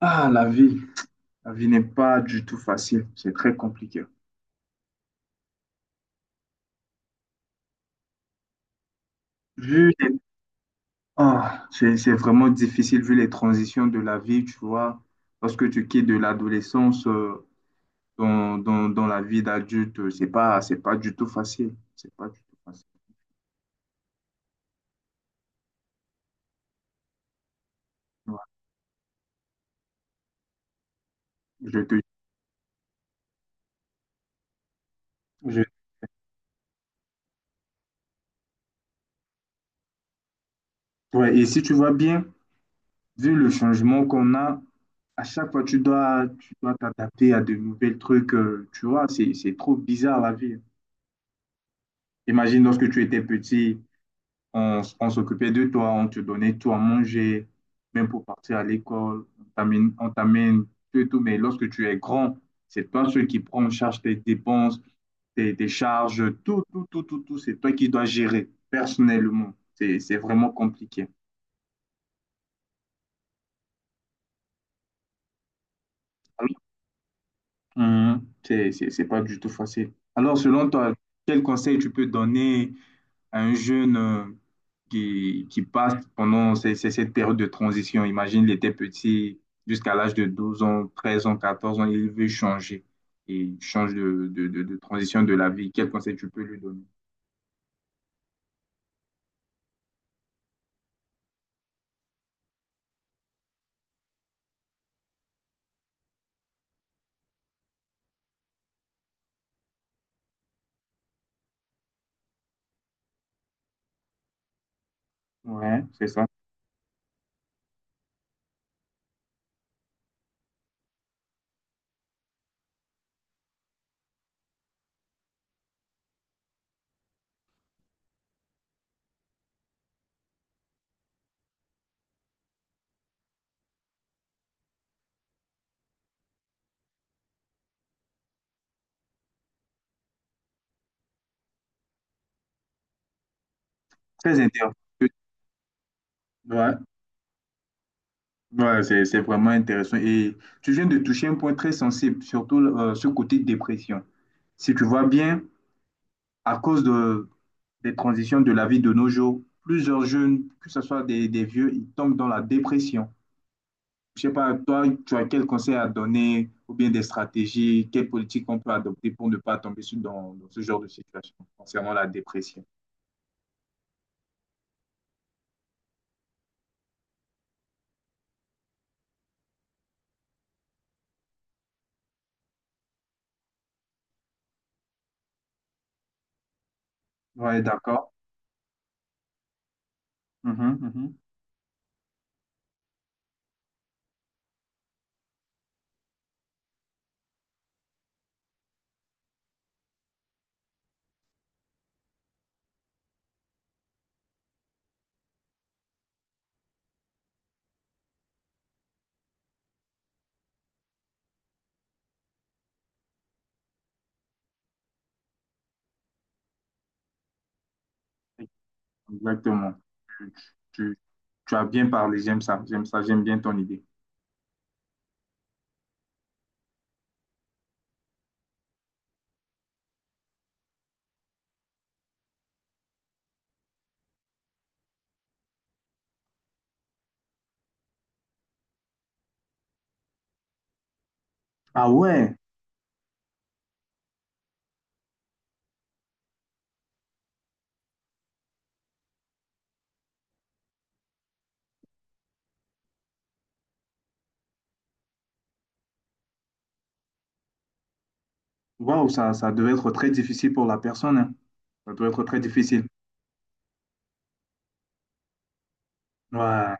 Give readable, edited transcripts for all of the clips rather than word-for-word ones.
Ah, la vie n'est pas du tout facile, c'est très compliqué. Vu les... ah, c'est vraiment difficile vu les transitions de la vie, tu vois, lorsque tu quittes de l'adolescence, dans la vie d'adulte, c'est pas du tout facile, c'est pas du tout facile. Ouais, Je te, je- ouais, et si tu vois bien, vu le changement qu'on a, à chaque fois tu dois t'adapter à de nouvelles trucs, tu vois, c'est trop bizarre la vie. Imagine lorsque tu étais petit. On s'occupait de toi, on te donnait tout à manger, même pour partir à l'école, on t'amène tout et tout. Mais lorsque tu es grand, c'est toi celui qui prend en charge tes dépenses, tes charges, tout, tout, tout, tout, tout. C'est toi qui dois gérer personnellement. C'est vraiment compliqué. Alors, c'est pas du tout facile. Alors, selon toi, quel conseil tu peux donner un jeune, qui passe pendant cette période de transition. Imagine, il était petit jusqu'à l'âge de 12 ans, 13 ans, 14 ans, il veut changer. Et change de transition de la vie. Quel conseil tu peux lui donner? Ouais, c'est ça. Très intéressant. Ouais, ouais, c'est vraiment intéressant. Et tu viens de toucher un point très sensible, surtout ce côté dépression. Si tu vois bien, à cause des transitions de la vie de nos jours. Plusieurs jeunes, que ce soit des vieux, ils tombent dans la dépression. Je ne sais pas, toi, tu as quel conseil à donner ou bien des stratégies, quelles politiques on peut adopter pour ne pas dans ce genre de situation concernant la dépression. Oui, d'accord. Mhm, mhm. Exactement. Tu, tu- Tu as bien parlé, j'aime ça, j'aime ça, j'aime bien ton idée. Ah ouais, waouh, ça devait être très difficile pour la personne, hein. Ça doit être très difficile. Ouais.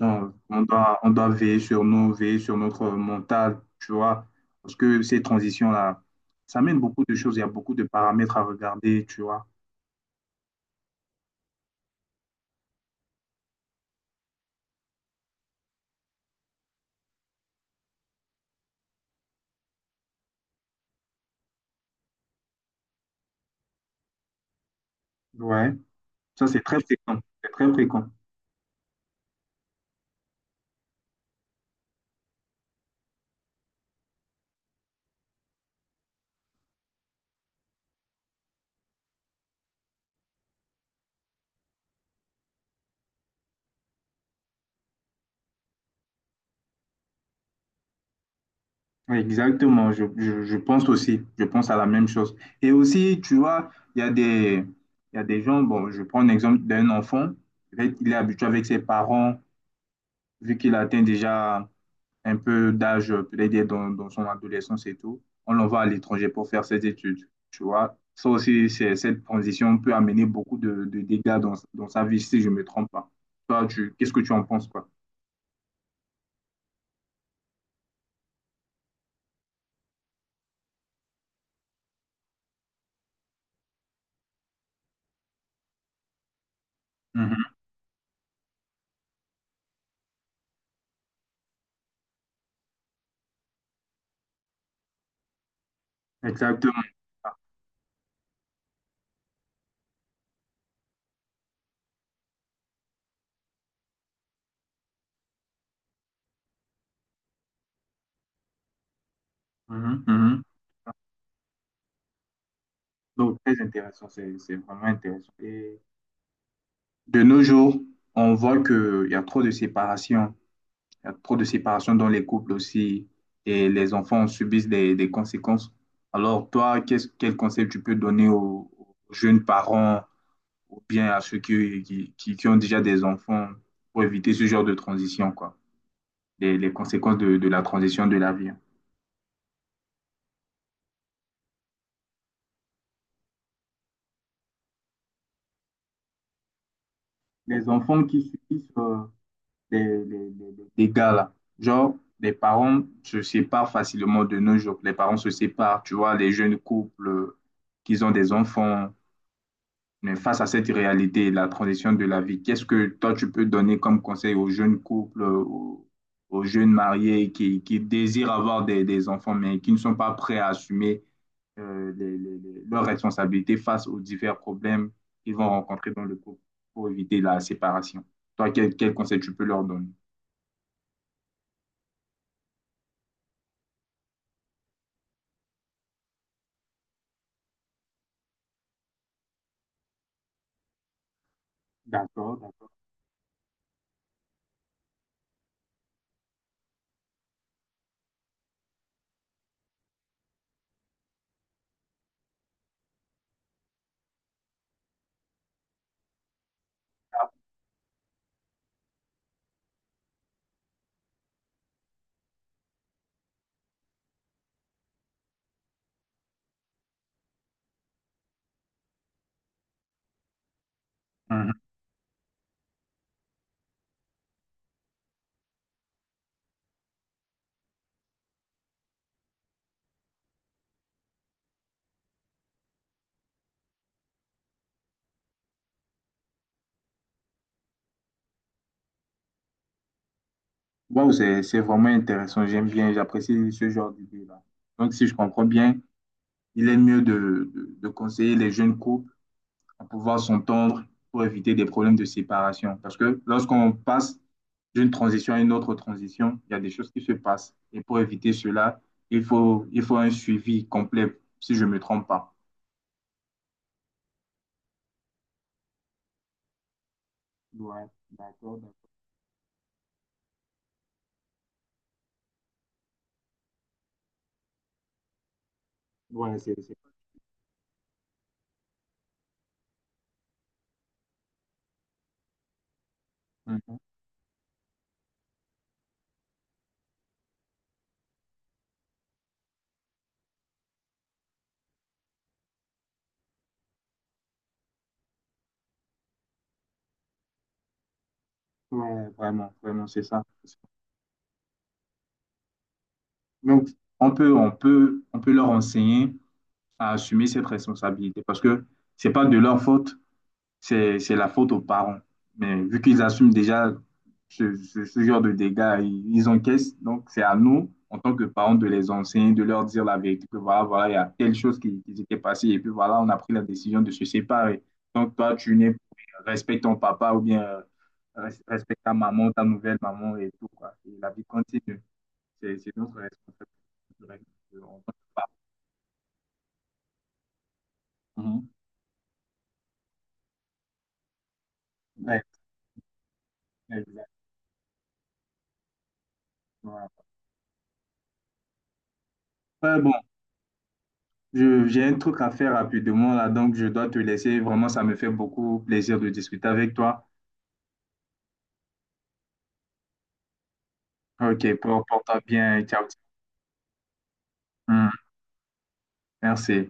On doit veiller sur nous, veiller sur notre mental, tu vois, parce que ces transitions-là, ça mène beaucoup de choses, il y a beaucoup de paramètres à regarder, tu vois. Ouais, ça c'est très fréquent, c'est très fréquent. Ouais, exactement, je pense aussi, je pense à la même chose. Et aussi, tu vois, il y a des gens, bon, je prends l'exemple d'un enfant, il est habitué avec ses parents, vu qu'il atteint déjà un peu d'âge, peut-être dans son adolescence et tout, on l'envoie à l'étranger pour faire ses études, tu vois. Ça aussi, cette transition peut amener beaucoup de dégâts dans sa vie, si je ne me trompe pas. Toi, qu'est-ce que tu en penses, quoi? Mhm. Exactement. Mhm, mhm. Donc, très intéressant, c'est vraiment intéressant. Et de nos jours, on voit qu'il y a trop de séparation. Il y a trop de séparation dans les couples aussi et les enfants subissent des conséquences. Alors, toi, quel conseil tu peux donner aux jeunes parents ou bien à ceux qui ont déjà des enfants pour éviter ce genre de transition, quoi, les conséquences de la transition de la vie, hein? Les enfants qui subissent, les, les, les- dégâts, là. Genre, les parents se séparent facilement de nos jours. Les parents se séparent, tu vois, les jeunes couples, qui ont des enfants. Mais face à cette réalité, la transition de la vie, qu'est-ce que toi tu peux donner comme conseil aux jeunes couples, aux jeunes mariés qui désirent avoir des enfants, mais qui ne sont pas prêts à assumer, leurs responsabilités face aux divers problèmes qu'ils vont rencontrer dans le couple pour éviter la séparation? Toi, quel conseil tu peux leur donner? D'accord, d'accord. Mhm. Wow, c'est vraiment intéressant. J'aime bien, j'apprécie ce genre d'idée-là. Donc, si je comprends bien, il est mieux de conseiller les jeunes couples à pouvoir s'entendre pour éviter des problèmes de séparation. Parce que lorsqu'on passe d'une transition à une autre transition, il y a des choses qui se passent. Et pour éviter cela, il faut un suivi complet, si je ne me trompe pas. Ouais, d'accord, d'accord. Ouais, c'est, c'est- Mhm. Ouais, vraiment, vraiment, c'est ça. Donc, on peut leur enseigner à assumer cette responsabilité parce que c'est pas de leur faute. C'est la faute aux parents. Mais vu qu'ils assument déjà ce genre de dégâts, ils encaissent. Donc, c'est à nous, en tant que parents, de les enseigner, de leur dire la vérité, que voilà, voilà, il y a telle chose qui s'était passée, et puis voilà, on a pris la décision de se séparer. Donc, toi, tu n'es respecte ton papa ou bien, respecte ta maman, ta nouvelle maman et tout, quoi. Et la vie continue. C'est notre responsabilité en tant que parents. Mhm. Ouais, exactement. Ouais, bon, j'ai un truc à faire rapidement là, donc je dois te laisser. Vraiment, ça me fait beaucoup plaisir de discuter avec toi. Ok, porte-toi bien. Ciao. Hum, merci.